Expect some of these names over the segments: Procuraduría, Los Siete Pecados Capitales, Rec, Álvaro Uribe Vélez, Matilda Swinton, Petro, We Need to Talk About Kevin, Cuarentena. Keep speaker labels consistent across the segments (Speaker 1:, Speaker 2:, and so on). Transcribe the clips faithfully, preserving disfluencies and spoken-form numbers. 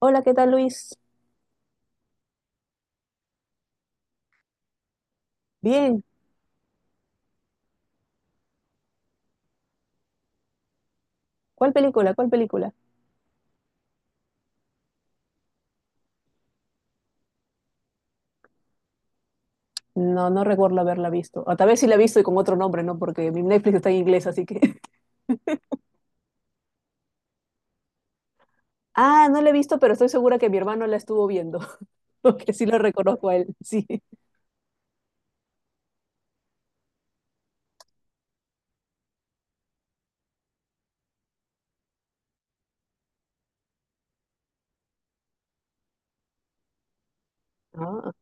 Speaker 1: Hola, ¿qué tal, Luis? Bien. ¿Cuál película? ¿Cuál película? No, no recuerdo haberla visto. O tal vez sí la he visto y con otro nombre, ¿no? Porque mi Netflix está en inglés, así que. Ah, no la he visto, pero estoy segura que mi hermano la estuvo viendo. Porque sí lo reconozco a él. Sí. Ah,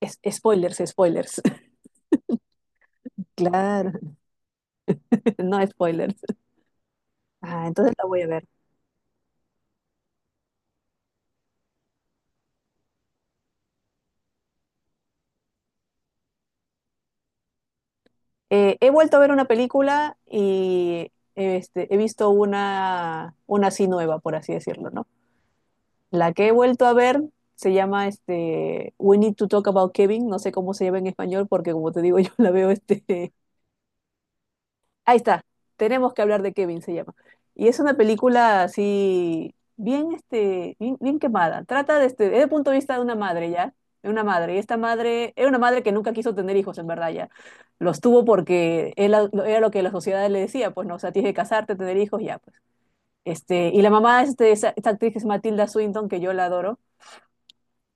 Speaker 1: es, spoilers, spoilers. Claro, no spoilers. Ah, entonces la voy a ver. Eh, he vuelto a ver una película y este, he visto una, una así nueva, por así decirlo, ¿no? La que he vuelto a ver se llama este We Need to Talk About Kevin. No sé cómo se llama en español porque como te digo, yo la veo este... Ahí está. Tenemos que hablar de Kevin se llama. Y es una película así bien, este, bien, bien quemada. Trata de este, desde el punto de vista de una madre, ya. De una madre. Y esta madre era una madre que nunca quiso tener hijos en verdad, ya. Los tuvo porque él- era lo que la sociedad le decía. Pues no, o sea, tienes que casarte, tener hijos, ya, pues. Este, y la mamá, este, esa- esta actriz que es Matilda Swinton, que yo la adoro,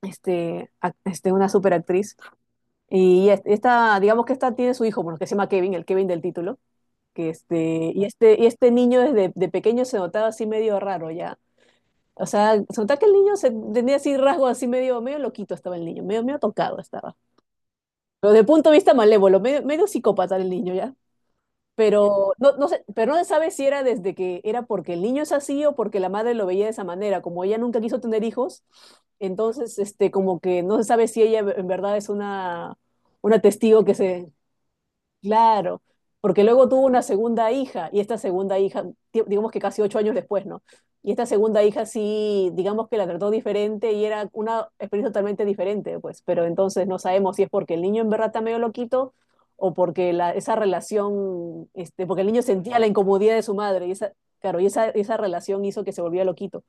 Speaker 1: este, ac- este, una superactriz. Y es- esta, digamos que esta tiene su hijo, porque se llama Kevin, el Kevin del título. Que este, y este, y este niño desde de pequeño se notaba así medio raro, ya. O sea, se notaba que el niño se tenía así rasgos así medio, medio loquito estaba el niño, medio, medio tocado estaba. Pero desde el punto de vista malévolo, medio, medio psicópata el niño, ya. Pero no, no sé, pero no se sabe si era desde que era porque el niño es así o porque la madre lo veía de esa manera. Como ella nunca quiso tener hijos, entonces este, como que no se sabe si ella en verdad es una, una testigo que se. Claro, porque luego tuvo una segunda hija y esta segunda hija, di- digamos que casi ocho años después, ¿no? Y esta segunda hija sí, digamos que la trató diferente y era una experiencia totalmente diferente, pues, pero entonces no sabemos si es porque el niño en verdad está medio loquito o porque la, esa relación, este, porque el niño sentía la incomodidad de su madre y esa, claro, y esa, esa relación hizo que se volviera loquito.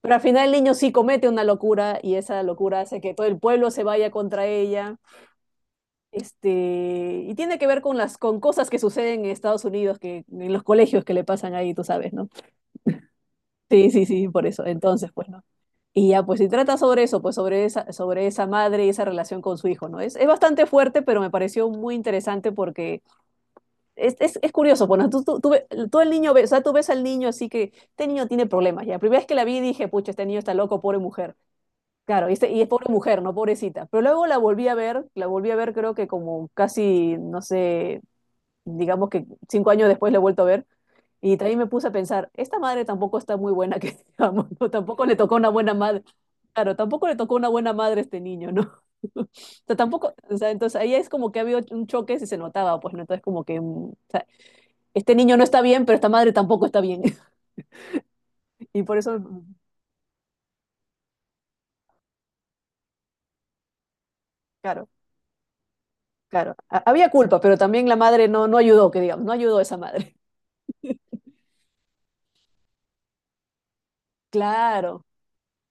Speaker 1: Pero al final el niño sí comete una locura y esa locura hace que todo el pueblo se vaya contra ella este, y tiene que ver con las con cosas que suceden en Estados Unidos, que en los colegios que le pasan ahí, tú sabes, ¿no? Sí, sí, sí, por eso. Entonces, pues no. Y ya, pues, si trata sobre eso, pues sobre esa, sobre esa madre y esa relación con su hijo, ¿no? Es, es bastante fuerte, pero me pareció muy interesante porque es, es, es curioso. Bueno, tú, tú, tú ve- tú el niño, ves, o sea, tú ves al niño, así que este niño tiene problemas, ya. La primera vez que la vi dije, pucha, este niño está loco, pobre mujer. Claro, y, este, y es pobre mujer, ¿no? Pobrecita. Pero luego la volví a ver, la volví a ver creo que como casi, no sé, digamos que cinco años después la he vuelto a ver, y también me puse a pensar, esta madre tampoco está muy buena, que digamos, ¿no? Tampoco le tocó una buena madre, claro, tampoco le tocó una buena madre a este niño, ¿no? O sea, tampoco, o sea, entonces ahí es como que había un choque si se notaba, pues, ¿no? Entonces como que, mm, o sea, este niño no está bien, pero esta madre tampoco está bien. Y por eso, mm, claro, claro, ha- había culpa, pero también la madre no, no ayudó, que digamos, no ayudó a esa madre. Claro,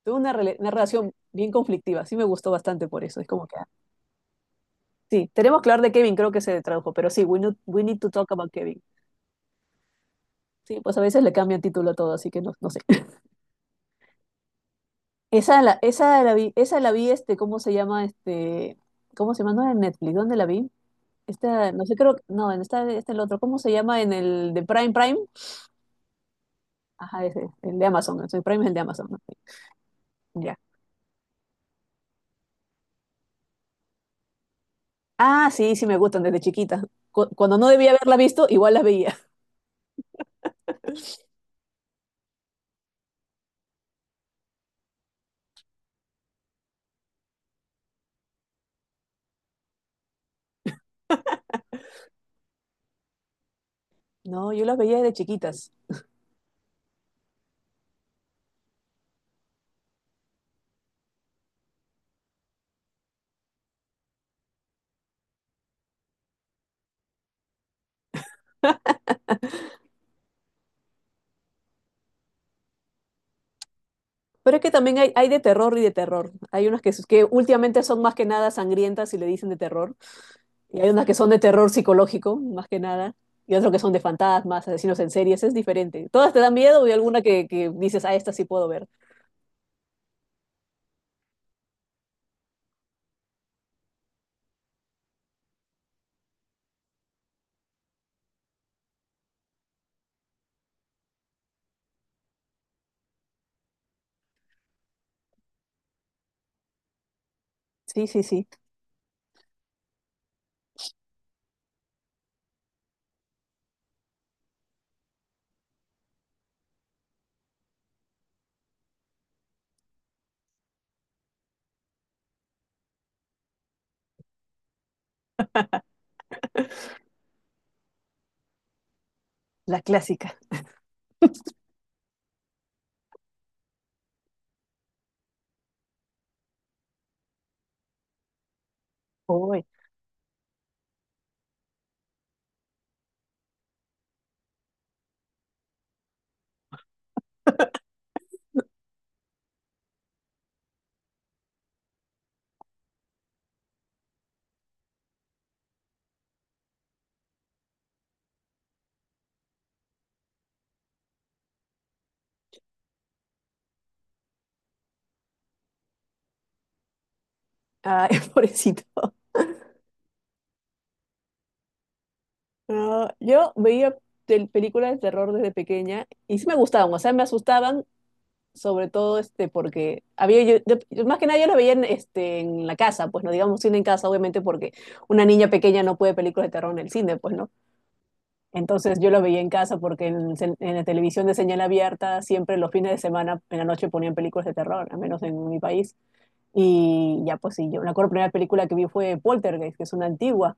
Speaker 1: tuvo una, rela- una relación bien conflictiva. Sí me gustó bastante por eso, es como que. Sí, tenemos que hablar de Kevin, creo que se tradujo, pero sí, we need, we need to talk about Kevin. Sí, pues a veces le cambian título a todo, así que no, no sé. Esa la, esa la vi, esa la vi, este, ¿cómo se llama? Este, ¿cómo se llama? No era en Netflix, ¿dónde la vi? Esta, no sé, creo, no, en esta, este el otro, ¿cómo se llama? En el de Prime Prime. Ajá, ese, el de Amazon, el Prime es el de Amazon, ¿no? Sí, ya. Ah, sí, sí me gustan desde chiquita. Cu- Cuando no debía haberla visto, igual las veía. No, yo las veía desde chiquitas. Pero es que también hay, hay de terror y de terror. Hay unas que, que últimamente son más que nada sangrientas y le dicen de terror. Y hay unas que son de terror psicológico, más que nada. Y otras que son de fantasmas, asesinos en series. Es diferente. Todas te dan miedo y alguna que, que dices, ah, esta sí puedo ver. Sí, sí, sí. La clásica. Uy. Ay, pobrecito. No, yo veía tel- películas de terror desde pequeña y sí me gustaban. O sea, me asustaban, sobre todo este porque había yo, yo- yo- más que nada yo las veía en, este, en la casa, pues no digamos cine en casa, obviamente porque una niña pequeña no puede ver películas de terror en el cine, pues no. Entonces yo lo veía en casa porque en, se- en la televisión de señal abierta siempre los fines de semana en la noche ponían películas de terror, al menos en mi país. Y ya pues sí, yo me acuerdo la primera película que vi fue Poltergeist, que es una antigua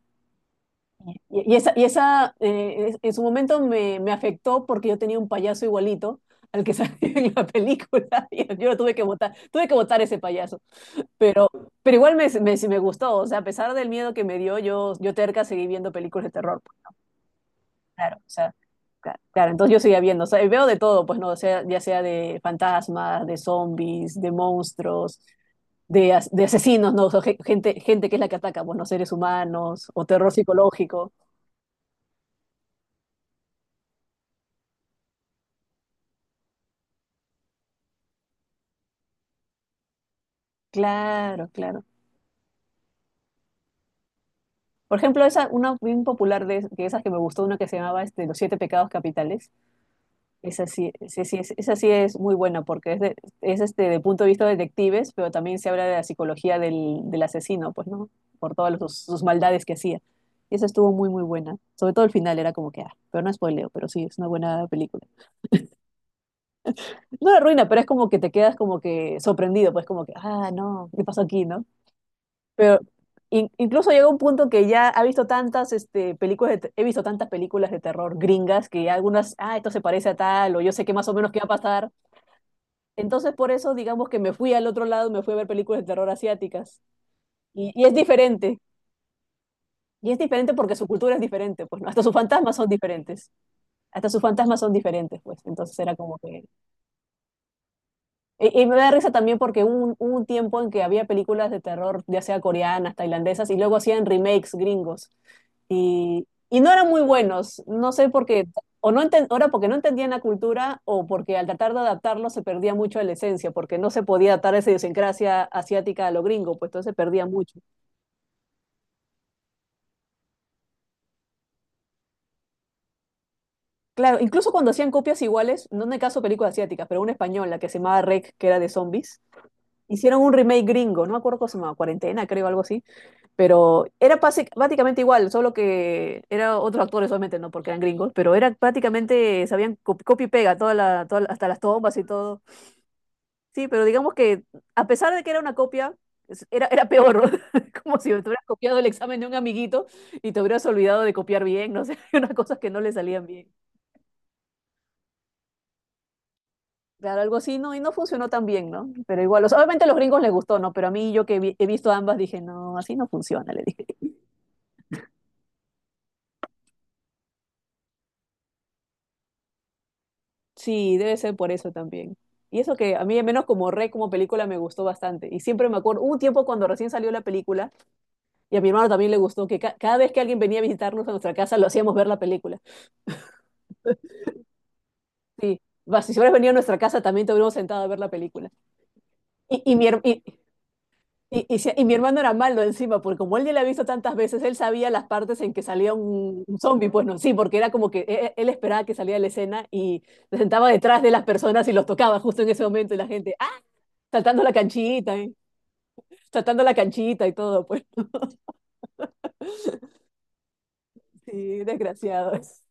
Speaker 1: y, y esa, y esa eh, es- en su momento me, me afectó porque yo tenía un payaso igualito al que salió en la película. y Yo, lo tuve que votar, tuve que votar ese payaso. Pero, pero igual me, me, sí me gustó. O sea, a pesar del miedo que me dio, yo, yo terca seguí viendo películas de terror. Pues, claro, o sea, cla- claro, entonces yo seguía viendo. O sea, y veo de todo, pues no, o sea, ya sea de fantasmas, de zombies, de monstruos. De, as- de asesinos, ¿no? O sea, ge- gente, gente que es la que ataca, bueno, seres humanos o terror psicológico. Claro, claro. Por ejemplo, esa, una bien popular de, de esas que me gustó, una que se llamaba este, Los Siete Pecados Capitales. Esa sí, sí, sí, es- esa sí es muy buena porque es, de, es este, de punto de vista de detectives, pero también se habla de la psicología del, del asesino, pues, ¿no? Por todas los- sus maldades que hacía. Y esa estuvo muy, muy buena. Sobre todo el final era como que, ah, pero no spoileo, pero sí, es una buena película. No la arruina, pero es como que te quedas como que sorprendido, pues como que, ah, no, ¿qué pasó aquí, no? Pero in- incluso llega un punto que ya ha visto tantas este, películas, de te- he visto tantas películas de terror gringas que algunas, ah, esto se parece a tal, o yo sé que más o menos qué va a pasar. Entonces, por eso, digamos que me fui al otro lado, me fui a ver películas de terror asiáticas. Y, y es diferente. Y es diferente porque su cultura es diferente, pues, ¿no? Hasta sus fantasmas son diferentes. Hasta sus fantasmas son diferentes, pues. Entonces era como que. Y, y me da risa también porque hubo un, hubo un tiempo en que había películas de terror, ya sea coreanas, tailandesas, y luego hacían remakes gringos. Y, y no eran muy buenos, no sé por qué, o no enten- o era porque no entendían la cultura o porque al tratar de adaptarlo se perdía mucho de la esencia, porque no se podía adaptar esa idiosincrasia asiática a lo gringo, pues entonces se perdía mucho. Claro, incluso cuando hacían copias iguales, no en el caso de películas asiáticas, pero una española que se llamaba Rec, que era de zombies, hicieron un remake gringo, no me acuerdo cómo se llamaba, Cuarentena, creo, algo así. Pero era pase- prácticamente igual, solo que eran otros actores, obviamente, no porque eran gringos, pero era prácticamente, sabían co- copia y pega, toda la, toda la- hasta las tomas y todo. Sí, pero digamos que a pesar de que era una copia, es- era, era peor, ¿no? Como si te hubieras copiado el examen de un amiguito y te hubieras olvidado de copiar bien, no sé, unas cosas que no le salían bien. Claro, algo así, ¿no? Y no funcionó tan bien, ¿no? Pero igual, o sea, obviamente a los gringos les gustó, ¿no? Pero a mí, yo que vi- he visto ambas, dije, no, así no funciona, le dije. Sí, debe ser por eso también. Y eso que a mí, al menos como Rey, como película, me gustó bastante. Y siempre me acuerdo, hubo un tiempo cuando recién salió la película, y a mi hermano también le gustó, que ca- cada vez que alguien venía a visitarnos a nuestra casa, lo hacíamos ver la película. Sí, va, si hubieras venido a nuestra casa, también te hubiéramos sentado a ver la película. Y, y, mi, her- y, y, y si- y mi hermano era malo encima, porque como él ya la ha visto tantas veces, él sabía las partes en que salía un, un zombie. Pues no, sí, porque era como que e- e, él, esperaba que saliera la escena y se sentaba detrás de las personas y los tocaba justo en ese momento, y la gente, ¡ah! Saltando la canchita. ¿Eh? Tratando la canchita y todo, pues sí, desgraciados.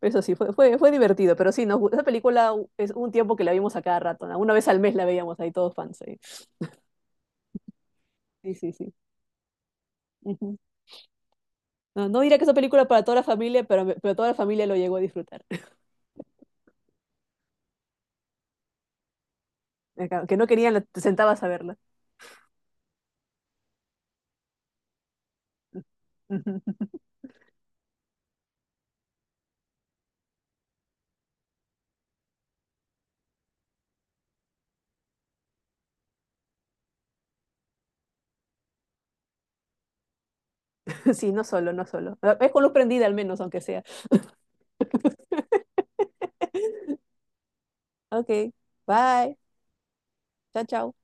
Speaker 1: Pero eso sí, fue, fue, fue divertido, pero sí, nos, gu- esa película u- es un tiempo que la vimos a cada rato, ¿no? Una vez al mes la veíamos ahí todos fans. Sí, sí, sí. sí. Ujú. No, no diría que es una película para toda la familia, pero, me- pero toda la familia lo llegó a disfrutar. Acá, Que no querían, la- te sentabas a verla. Ujú. Sí, no solo, no solo. Ah, Es con luz prendida al menos, aunque sea. Ok, bye. Chao, chao.